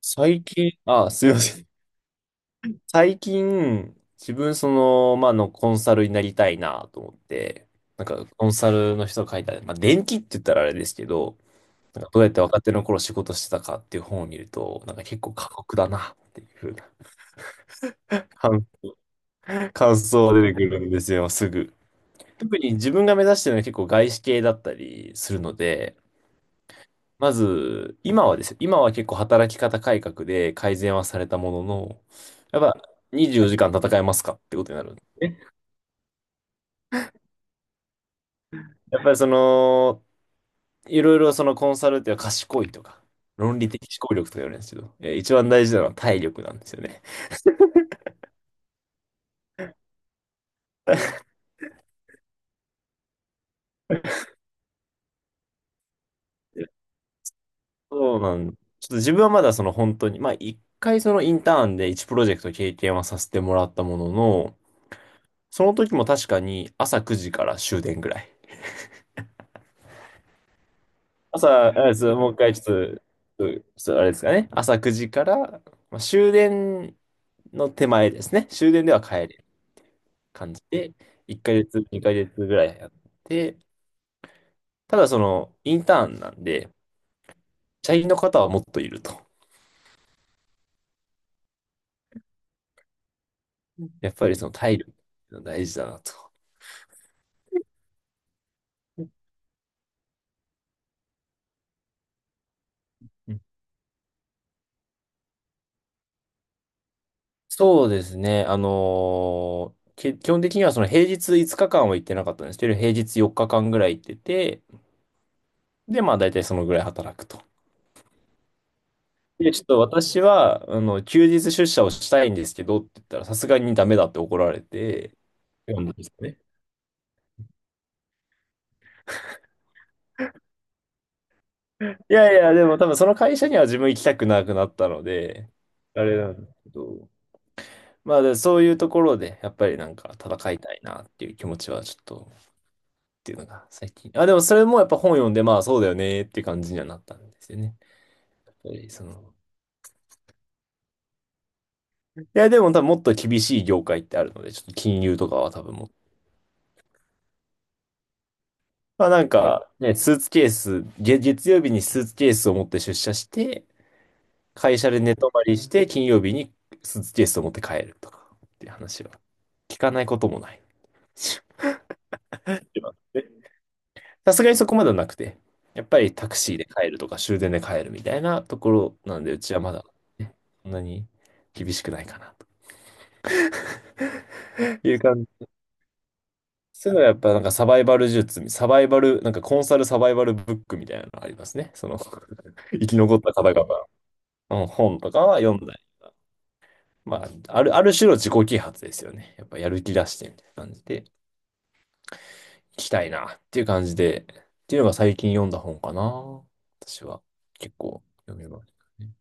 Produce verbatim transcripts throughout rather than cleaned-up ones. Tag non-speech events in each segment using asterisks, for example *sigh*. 最近、あ、すいません。最近、自分、その、まあ、あの、コンサルになりたいなと思って、なんか、コンサルの人が書いた、まあ、電気って言ったらあれですけど、なんかどうやって若手の頃仕事してたかっていう本を見ると、なんか結構過酷だなっていうふうな感、感想が出てくるんですよ、すぐ。特に自分が目指してるのは結構外資系だったりするので、まず、今はですよ。今は結構働き方改革で改善はされたものの、やっぱにじゅうよじかん戦えますかってことになる。やっぱりその、いろいろそのコンサルっていうのは賢いとか、論理的思考力とか言われるんですけど、えー一番大事なのは体力なんですよね。でそうなん、ちょっと自分はまだその本当に、まあ一回そのインターンでワンプロジェクト経験はさせてもらったものの、その時も確かに朝くじから終電ぐらい。朝、あれですもう一回ちょっと、うちょっとあれですかね。朝くじから、まあ、終電の手前ですね。終電では帰る感じで、いっかげつ、にかげつぐらいやって、ただその、インターンなんで、社員の方はもっといると。やっぱりその体力が大事だなと。うん、そうですね。あのーけ基本的にはその平日いつかかんは行ってなかったんですけど、平日よっかかんぐらい行ってて、で、まあ大体そのぐらい働くと。で、ちょっと私は、あの、休日出社をしたいんですけどって言ったら、さすがにダメだって怒られて、読んだんですかね。いやいや、でも多分その会社には自分行きたくなくなったので、あれなんですけど、まあで、そういうところで、やっぱりなんか戦いたいなっていう気持ちはちょっと、っていうのが最近。あ、でもそれもやっぱ本読んで、まあそうだよねっていう感じにはなったんですよね。やっぱりその、いや、でも多分もっと厳しい業界ってあるので、ちょっと金融とかは多分もっ、まあなんか、ね、スーツケース、月、月曜日にスーツケースを持って出社して、会社で寝泊まりして、金曜日にスーツケースを持って帰るとか、っていう話は聞かないこともない。え、さすがにそこまではなくて、やっぱりタクシーで帰るとか終電で帰るみたいなところなんで、うちはまだ、ね、そんなに厳しくないかなという感じ。そういうのはやっぱなんかサバイバル術、サバイバル、なんかコンサルサバイバルブックみたいなのがありますね。その *laughs* 生き残った方々の本とかは読んまあ、ある、ある種の自己啓発ですよね。やっぱやる気出してみたいな感じで、行きたいなっていう感じで、っていうのが最近読んだ本かな。私は結構読みますね。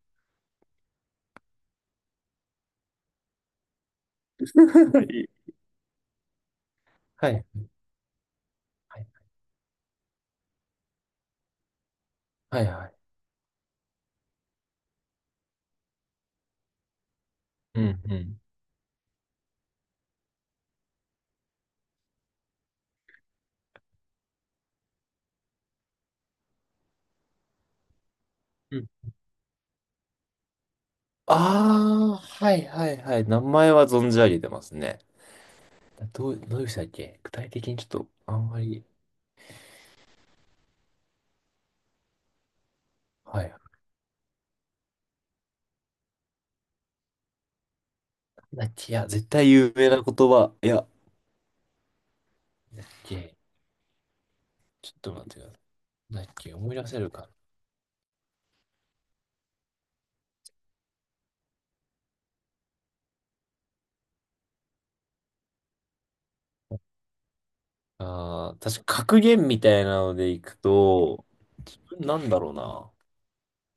*laughs* はい。はい。はいはい。うんうん。うん、ああ、はいはいはい。名前は存じ上げてますね。どう、どういう人だっけ具体的にちょっと、あんまり。はい。なんだっけ、いや、絶対有名な言葉。いや、なんだっけ、ちょっと待ってください。なんだっけ、思い出せるか。ああ、確か格言みたいなのでいくと、なんだろうな。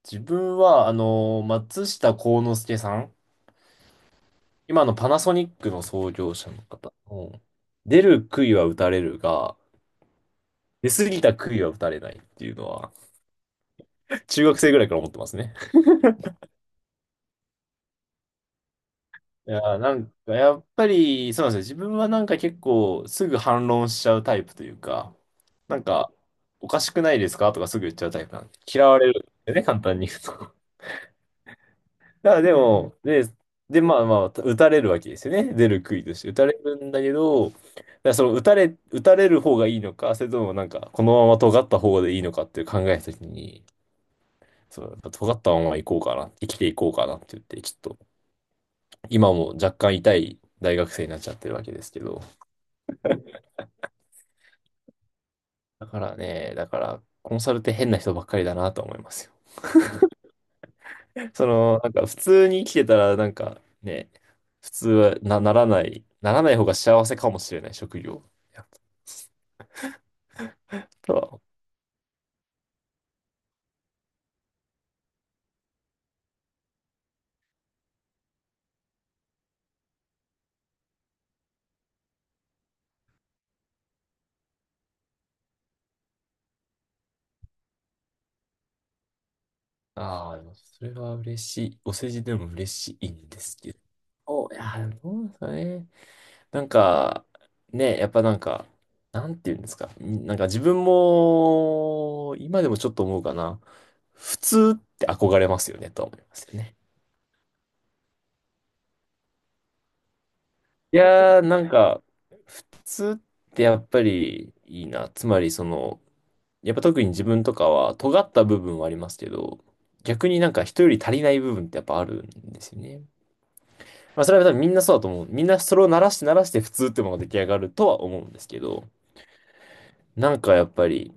自分は、あの、松下幸之助さん、今のパナソニックの創業者の方の、出る杭は打たれるが、出過ぎた杭は打たれないっていうのは、*laughs* 中学生ぐらいから思ってますね。いやー、なんか、やっぱり、そうなんですよ。自分はなんか結構、すぐ反論しちゃうタイプというか、なんか、おかしくないですかとかすぐ言っちゃうタイプなんで、嫌われるんですよね、簡単に言うと。あ、でも、で、で、まあまあ、打たれるわけですよね。出る杭として。打たれるんだけど、だからその打たれ、打たれる方がいいのか、それともなんか、このまま尖った方でいいのかっていう考えたときに、そう、尖ったまま行こうかな、生きていこうかなって言って、ちょっと、今も若干痛い大学生になっちゃってるわけですけど、だからね、だから、コンサルって変な人ばっかりだなと思いますよ。その、なんか普通に生きてたら、なんかね、普通はな、ならない、ならない方が幸せかもしれない職業。やっぱとは、ああ、でもそれは嬉しい。お世辞でも嬉しいんですけど。お、いや、どうですかね。なんか、ね、やっぱなんか、なんて言うんですか。んなんか自分も、今でもちょっと思うかな。普通って憧れますよね、とは思いますよね。いやー、なんか、普通ってやっぱりいいな。つまり、その、やっぱ特に自分とかは尖った部分はありますけど、逆になんか人より足りない部分ってやっぱあるんですよね。まあそれは多分みんなそうだと思う。みんなそれを鳴らして鳴らして普通ってものが出来上がるとは思うんですけど、なんかやっぱり、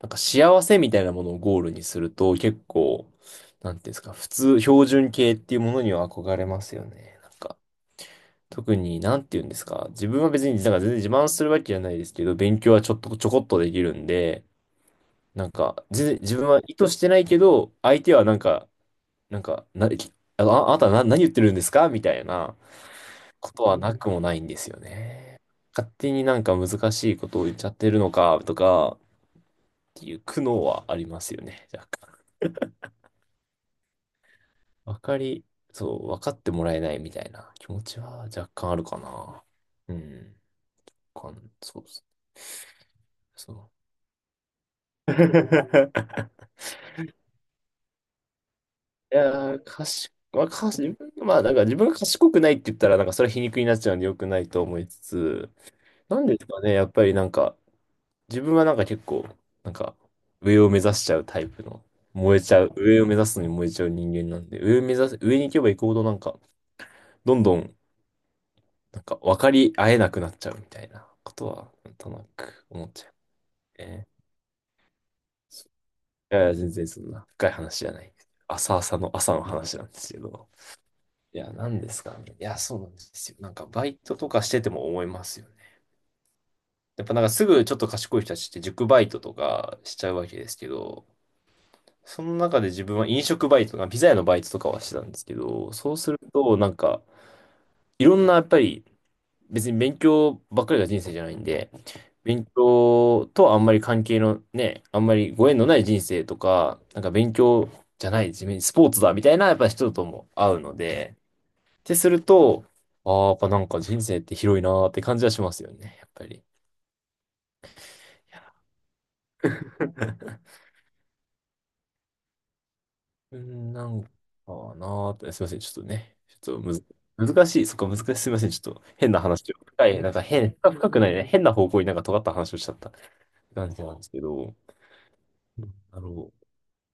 なんか幸せみたいなものをゴールにすると結構、なんていうんですか、普通、標準形っていうものには憧れますよね。なんか、特になんていうんですか、自分は別になんか全然自慢するわけじゃないですけど、勉強はちょっとちょこっとできるんで、なんか、全然自分は意図してないけど、相手はなんか、なんか、な、あ、ああなたな、何言ってるんですかみたいなことはなくもないんですよね。勝手になんか難しいことを言っちゃってるのかとかっていう苦悩はありますよね。若干。わかり、そう、分かってもらえないみたいな気持ちは若干あるかな。うん。わかんそうですね。そう。*laughs* いやー、賢まあ、かし、自分、まあ、なんか自分が賢くないって言ったら、なんかそれは皮肉になっちゃうんで良くないと思いつつ、なんですかね、やっぱりなんか、自分はなんか結構、なんか、上を目指しちゃうタイプの、燃えちゃう、上を目指すのに燃えちゃう人間なんで、上を目指す、上に行けば行くほどなんか、どんどん、なんか分かり合えなくなっちゃうみたいなことは、なんとなく思っちゃうね。いやいや、全然そんな深い話じゃない。朝朝の朝の話なんですけど。いや、なんですかね。いや、そうなんですよ。なんか、バイトとかしてても思いますよね。やっぱなんかすぐちょっと賢い人たちって塾バイトとかしちゃうわけですけど、その中で自分は飲食バイトとか、ピザ屋のバイトとかはしてたんですけど、そうすると、なんか、いろんなやっぱり、別に勉強ばっかりが人生じゃないんで、勉強とはあんまり関係のね、あんまりご縁のない人生とか、なんか勉強じゃない、自分スポーツだみたいなやっぱ人とも会うので、てすると、ああ、やっぱなんか人生って広いなーって感じはしますよね、やっぱり。いや *laughs* うん、なんかなーって、すいません、ちょっとね、ちょっとむず、難しい、そっか、難しい、すいません、ちょっと変な話を、深い、なんか変、深深くないね、変な方向になんか尖った話をしちゃった感じなんですけど、うん、あの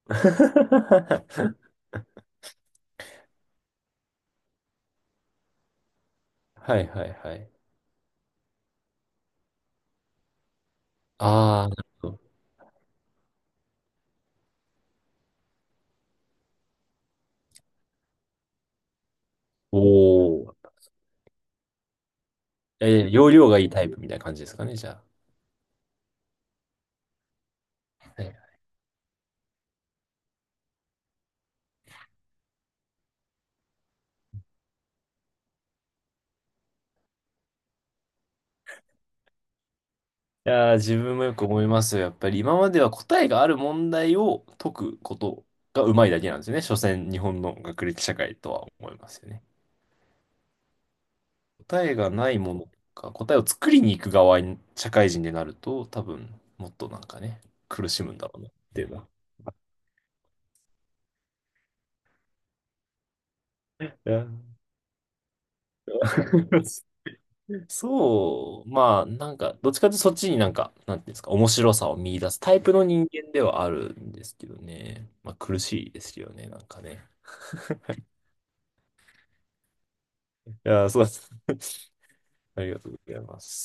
*laughs* はいはいはい。ああ、なるほど。おー。えー、容量がいいタイプみたいな感じですかね、じゃあ。はい、いやー、自分もよく思いますよ。やっぱり今までは答えがある問題を解くことがうまいだけなんですよね。所詮、日本の学歴社会とは思いますよね。答えがないものか、答えを作りに行く側に社会人になると、多分、もっとなんかね、苦しむんだろうなっていうのは。いや *laughs* そう、まあ、なんか、どっちかというとそっちになんか、なんていうんですか、面白さを見出すタイプの人間ではあるんですけどね。まあ、苦しいですよね、なんかね。いやー、そうです。ありがとうございます。